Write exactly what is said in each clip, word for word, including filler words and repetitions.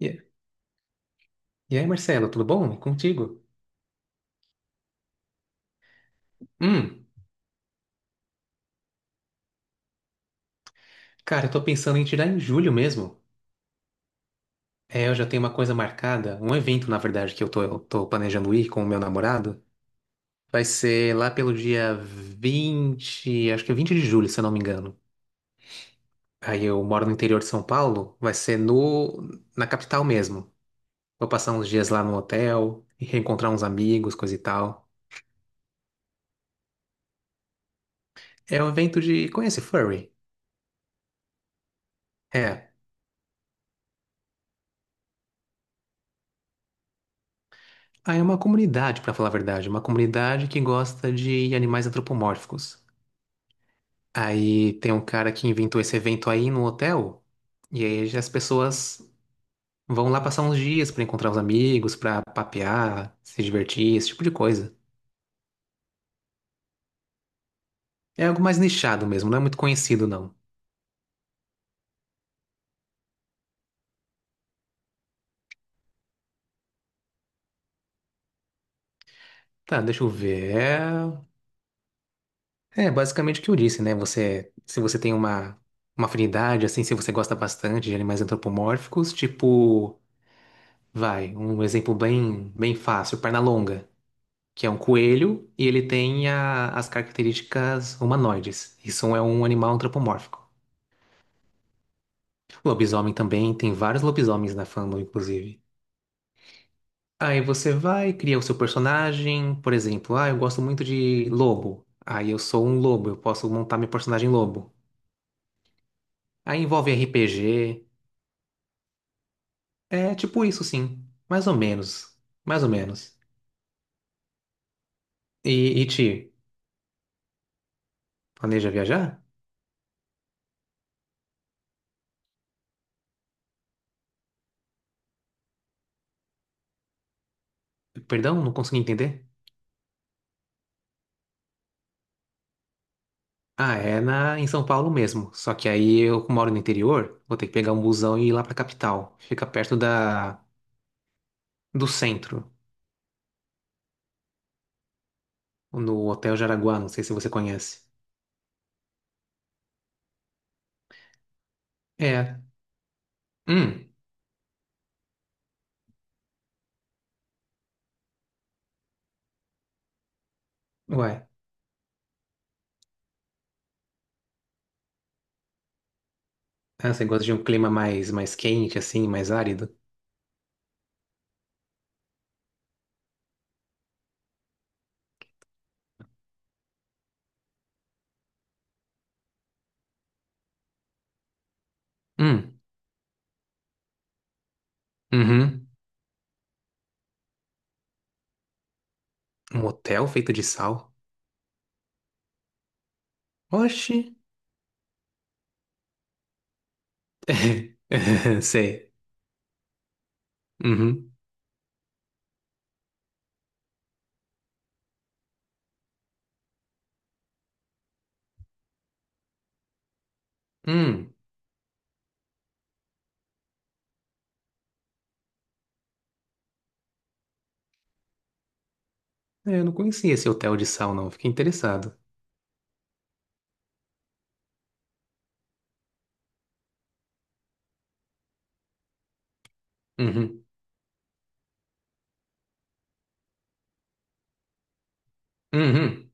E e aí, Marcelo, tudo bom? E contigo? Hum, Cara, eu tô pensando em tirar em julho mesmo. É, eu já tenho uma coisa marcada, um evento, na verdade, que eu tô, eu tô planejando ir com o meu namorado. Vai ser lá pelo dia vinte, acho que é vinte de julho, se eu não me engano. Aí eu moro no interior de São Paulo, vai ser no, na capital mesmo. Vou passar uns dias lá no hotel e reencontrar uns amigos, coisa e tal. É um evento de... Conhece furry? É. Ah, é uma comunidade, pra falar a verdade, uma comunidade que gosta de animais antropomórficos. Aí tem um cara que inventou esse evento aí no hotel, e aí as pessoas vão lá passar uns dias pra encontrar os amigos, pra papear, se divertir, esse tipo de coisa. É algo mais nichado mesmo, não é muito conhecido não. Tá, deixa eu ver. É, é basicamente o que eu disse, né? Você, se você tem uma uma afinidade, assim, se você gosta bastante de animais antropomórficos, tipo, vai, um exemplo bem bem fácil, Pernalonga. Que é um coelho e ele tem a- as características humanoides. Isso é um animal antropomórfico. Lobisomem também, tem vários lobisomens na fandom, inclusive. Aí você vai, cria o seu personagem, por exemplo, ah, eu gosto muito de lobo. Aí eu sou um lobo, eu posso montar meu personagem lobo. Aí envolve R P G. É tipo isso, sim. Mais ou menos. Mais ou menos. E, e Ti, planeja viajar? Perdão, não consegui entender. Ah, é na, em São Paulo mesmo. Só que aí eu moro no interior, vou ter que pegar um busão e ir lá pra capital. Fica perto da, do centro, no Hotel Jaraguá, não sei se você conhece. É. Hum, ué. Ah, você gosta de um clima mais, mais quente, assim, mais árido? Hum, uhum. Um hotel feito de sal? Oxi. Sei. Uhum. Hum. É, eu não conhecia esse hotel de sal, não. Fiquei interessado. Uhum. Uhum.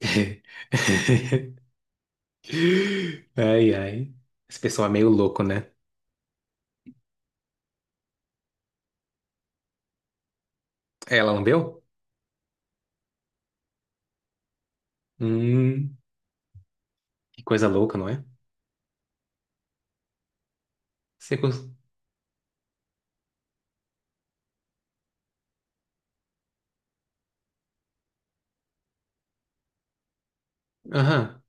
Ai, ai. Esse pessoal é meio louco, né? É, ela lambeu? Hum, que coisa louca, não é? Você cons... Aham,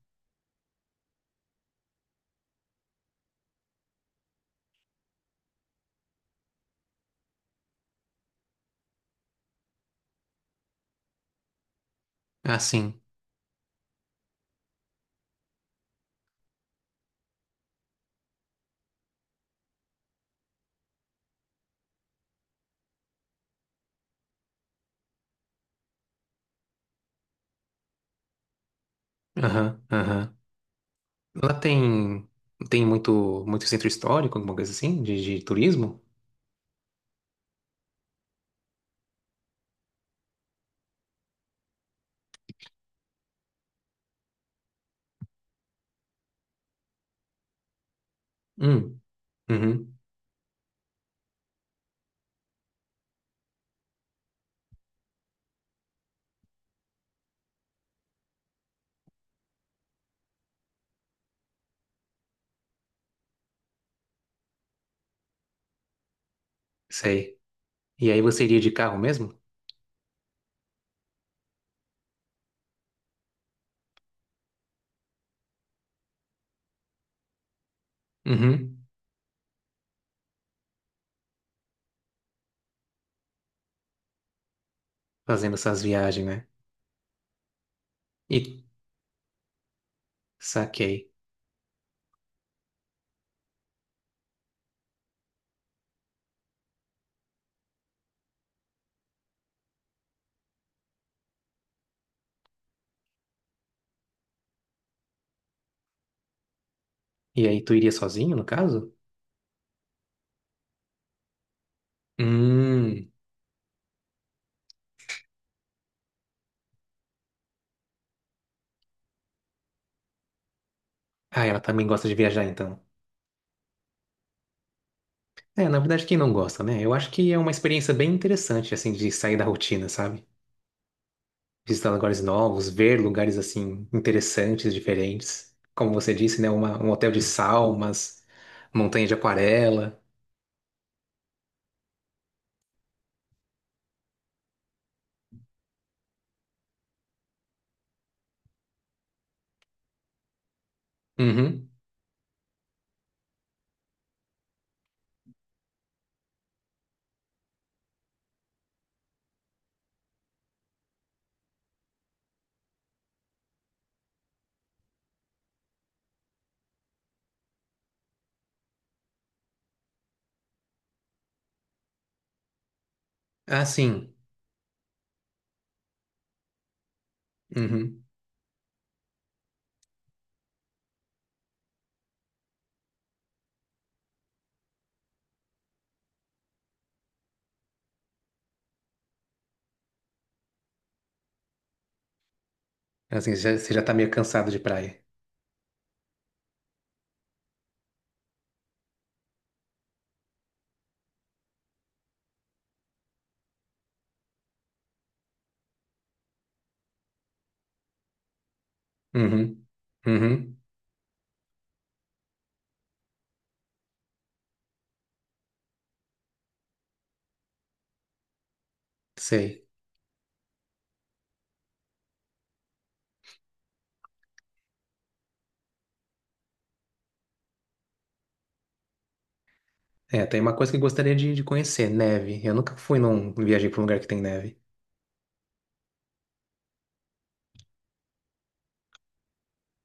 ah, sim. Aham, aham. Lá tem, tem muito, muito centro histórico, alguma coisa assim, de, de turismo? Hum, uhum, sei. E aí você iria de carro mesmo? Uhum, fazendo essas viagens, né? E saquei. E aí tu iria sozinho, no caso? Hum. Ah, ela também gosta de viajar, então. É, na verdade, quem não gosta, né? Eu acho que é uma experiência bem interessante, assim, de sair da rotina, sabe? Visitar lugares novos, ver lugares, assim, interessantes, diferentes. Como você disse, né? Uma- um hotel de salmas, montanha de aquarela. Uhum. Ah, sim. Uhum. Assim, já- você já tá meio cansado de praia. Uhum. Uhum. Sei. É, tem uma coisa que eu gostaria de, de conhecer, neve. Eu nunca fui num... viajei pra um lugar que tem neve.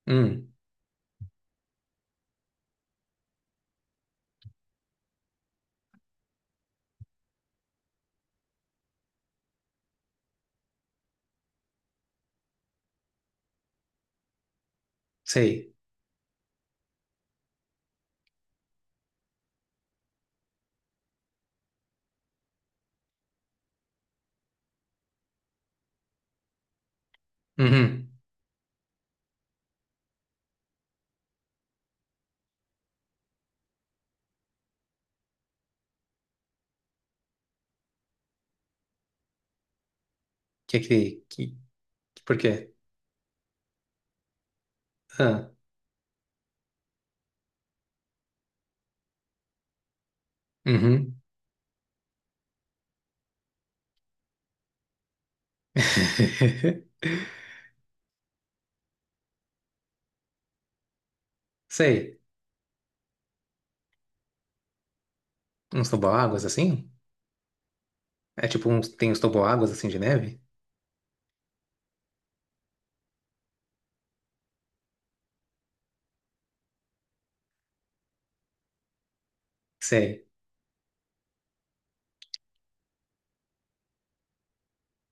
Hum. Sei. Uhum. Que que... que... Por quê? Uhum. Sei. Uns toboáguas assim? É tipo uns. Tem uns toboáguas assim de neve? Sei.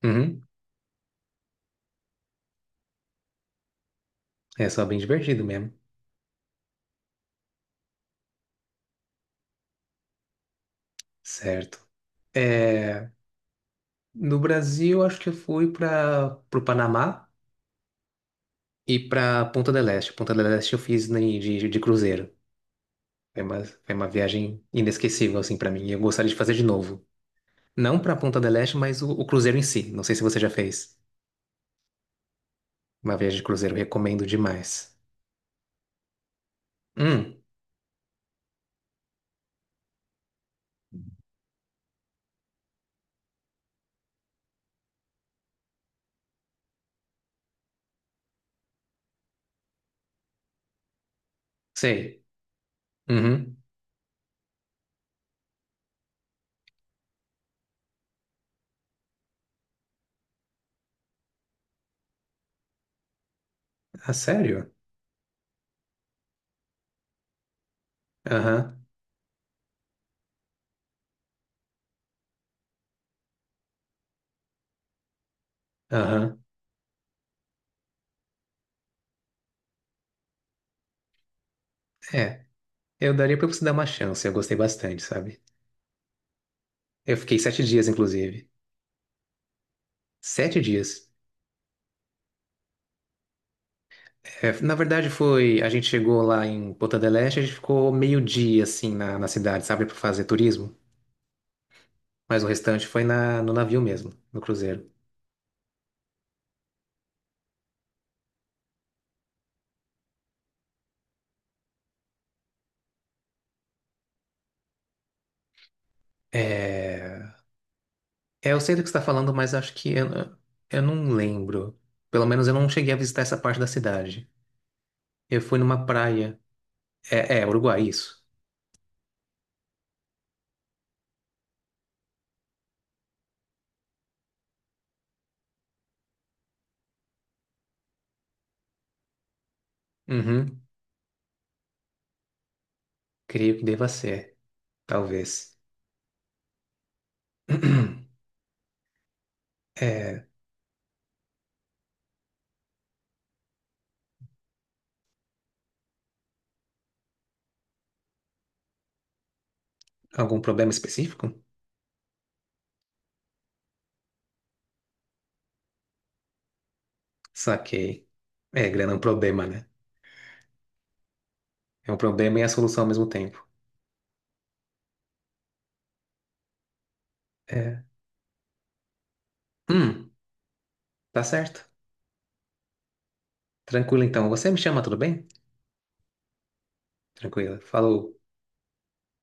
Uhum. É só bem divertido mesmo. Certo. É, no Brasil, acho que eu fui para o Panamá e para Ponta del Este. Ponta del Este eu fiz ne- de, de cruzeiro. Foi uma, foi uma viagem inesquecível, assim, para mim. E eu gostaria de fazer de novo. Não para Ponta del Este, mas o, o cruzeiro em si. Não sei se você já fez uma viagem de cruzeiro. Recomendo demais. Hum, sei. Uhum. Ah, sério? Aham, aham. É, eu daria pra você dar uma chance, eu gostei bastante, sabe? Eu fiquei sete dias, inclusive. Sete dias. É, na verdade, foi. A gente chegou lá em Ponta del Este, a gente ficou meio-dia, assim, na, na, cidade, sabe, pra fazer turismo. Mas o restante foi na, no navio mesmo, no cruzeiro. É, é, eu sei do que você está falando, mas acho que eu, eu não lembro. Pelo menos eu não cheguei a visitar essa parte da cidade. Eu fui numa praia. É, é Uruguai, isso. Uhum. Creio que deva ser, talvez. É algum problema específico? Saquei. É, grana é um problema, né? É um problema e é a solução ao mesmo tempo. É. Hum, tá certo. Tranquilo então. Você me chama, tudo bem? Tranquilo. Falou.